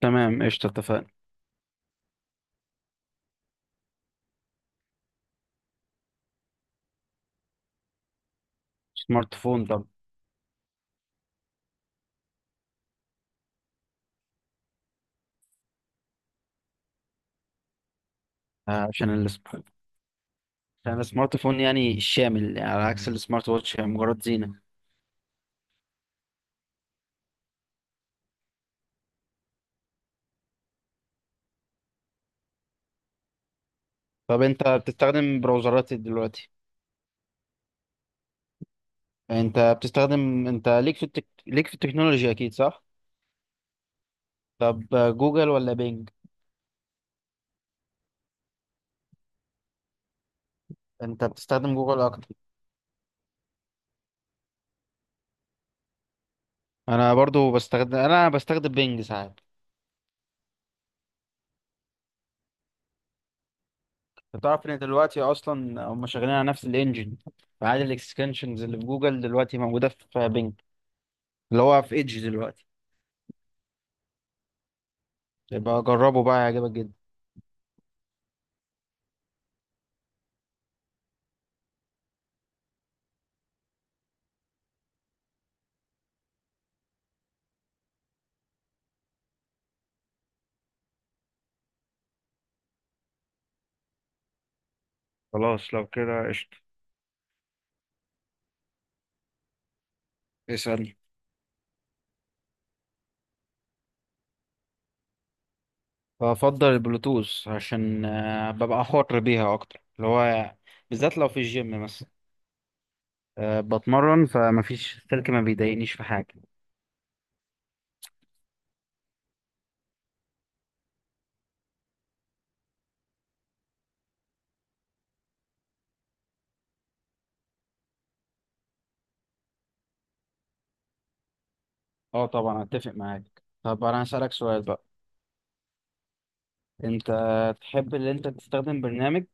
تمام، قشطة، اتفقنا. سمارت فون. طب، عشان عشان السمارت فون يعني شامل، يعني على عكس السمارت واتش هي مجرد زينة. طب، انت بتستخدم براوزرات ايه دلوقتي؟ انت بتستخدم انت ليك في التك... ليك في التكنولوجيا، اكيد صح؟ طب، جوجل ولا بينج؟ انت بتستخدم جوجل اكتر؟ انا بستخدم بينج ساعات. انت تعرف ان دلوقتي اصلا هم شغالين على نفس الانجن؟ فعادي، الاكستنشنز اللي في جوجل دلوقتي موجودة في بينج، اللي هو في ايدج دلوقتي. يبقى جربه بقى، هيعجبك جدا. خلاص لو كده قشطة. اسأل. بفضل البلوتوث عشان ببقى حر بيها اكتر، اللي هو بالذات لو في الجيم مثلا، بتمرن، فمفيش السلك ما بيضايقنيش في حاجه. اه، طبعا اتفق معاك. طب انا هسألك سؤال بقى. انت تحب ان انت تستخدم برنامج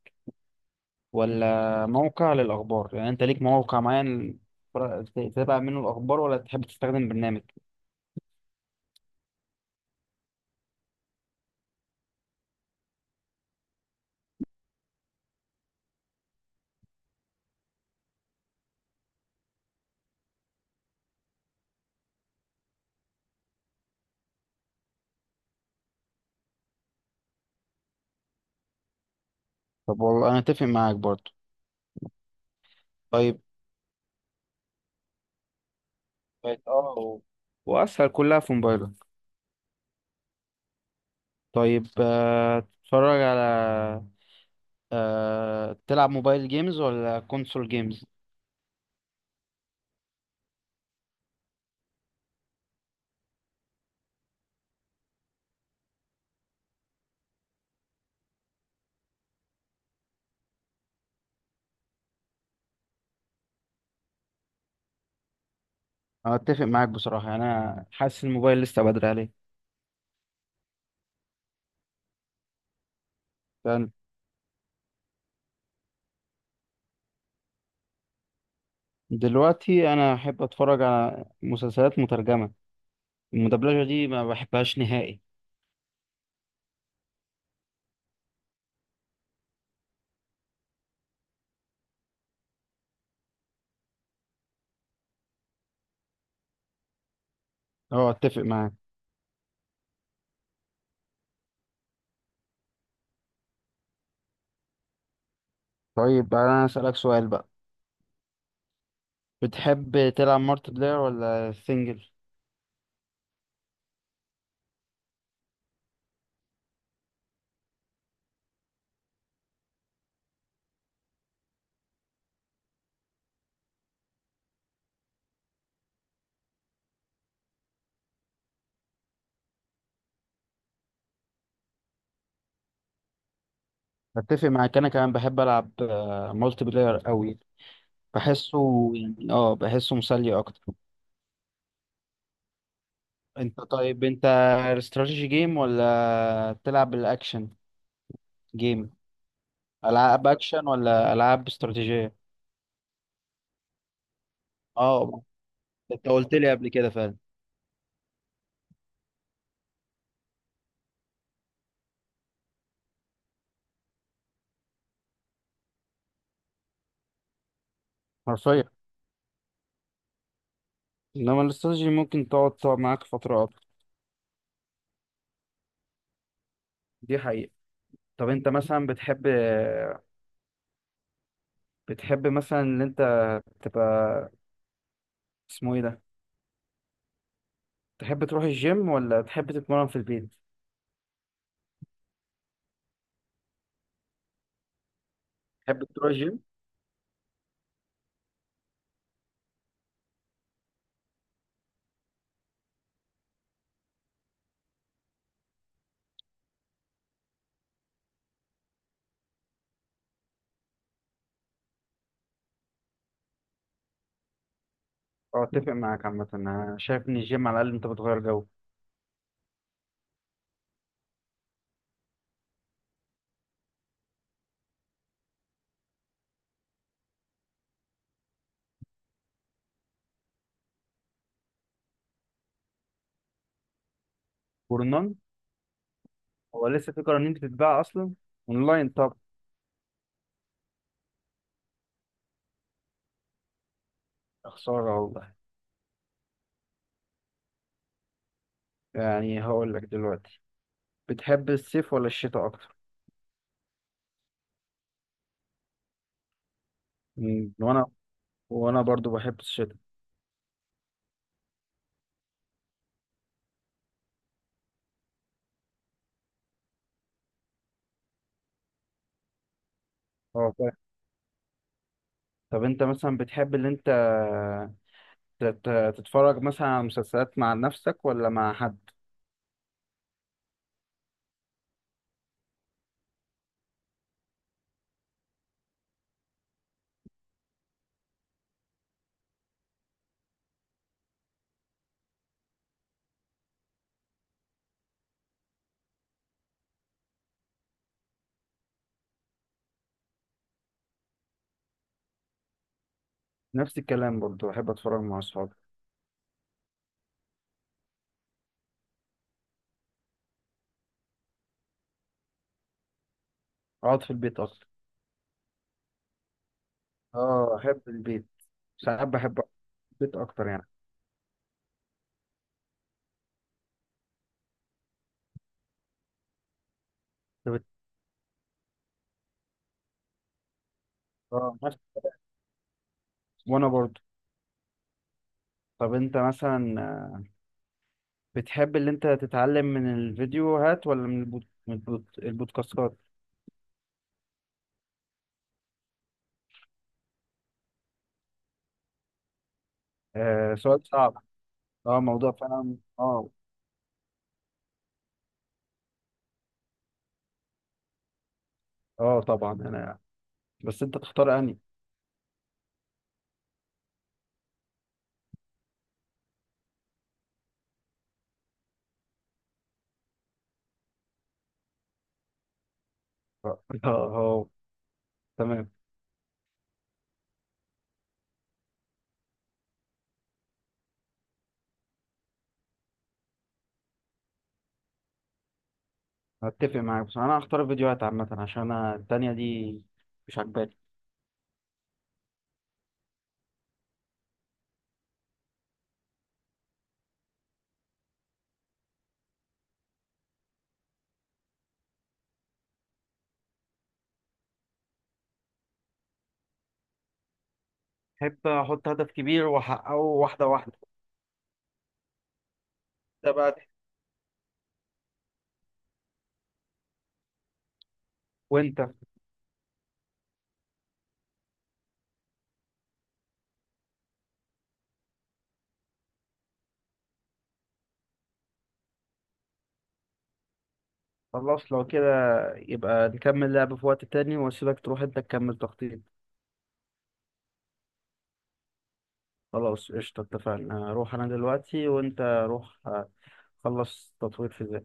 ولا موقع للاخبار؟ يعني انت ليك موقع معين تتابع منه الاخبار، ولا تحب تستخدم برنامج؟ طب والله انا اتفق معاك برضو. طيب. بقت اه و- واسهل، كلها في موبايلك. طيب، آه، تتفرج على آه، تلعب موبايل جيمز ولا كونسول جيمز؟ انا اتفق معاك بصراحه، يعني انا حاسس الموبايل لسه بدري عليه. يعني دلوقتي انا احب اتفرج على مسلسلات مترجمه. المدبلجه دي ما بحبهاش نهائي. اه، اتفق معاك. طيب انا اسالك سؤال بقى. بتحب تلعب مالتي بلاير ولا سنجل؟ اتفق معاك، انا كمان بحب العب مالتي بلاير قوي. بحسه يعني اه بحسه مسلي اكتر. انت، استراتيجي جيم ولا بتلعب بالاكشن جيم؟ العاب اكشن ولا العاب استراتيجيه؟ اه. انت قلت لي قبل كده فعلا. حرفيا. انما الاستراتيجي ممكن تقعد معاك فتره اكتر. دي حقيقه. طب انت مثلا بتحب مثلا ان انت تبقى، اسمه ايه ده، تحب تروح الجيم ولا تحب تتمرن في البيت؟ تحب تروح الجيم. اه، اتفق معاك. عامه انا شايف ان الجيم على الاقل انت بتغير جو. جورنان. هو لسه في قرانين بتتباع اصلا؟ اونلاين طبعا. خسارة والله. يعني هقول لك دلوقتي، بتحب الصيف ولا الشتاء أكتر؟ مم، وأنا وأنا برضو بحب الشتاء. اه، فاهم. طب أنت مثلا بتحب اللي أنت تتفرج مثلا على مسلسلات مع نفسك ولا مع حد؟ نفس الكلام برضو، بحب أتفرج مع أصحابي. أقعد في البيت أكتر. اه، أحب البيت. ساعات بحب أقعد في البيت أكتر يعني. طب، اه، نفس. وأنا برضو. طب أنت مثلا بتحب اللي أنت تتعلم من الفيديوهات ولا من البودكاستات؟ آه، سؤال صعب. اه، موضوع فعلا، اه. اه، طبعا انا، بس انت تختار اني. اه. آه، تمام. هتفق معاك، بس انا هختار الفيديوهات عامة عشان انا التانية دي مش عجباني. بحب احط هدف كبير واحققه واحدة واحدة. ده بقى، وانت؟ خلاص لو كده، يبقى نكمل لعب في وقت تاني، واسيبك تروح انت تكمل تخطيط. خلاص، قشطة، اتفقنا. اروح انا دلوقتي، وانت روح خلص تطوير في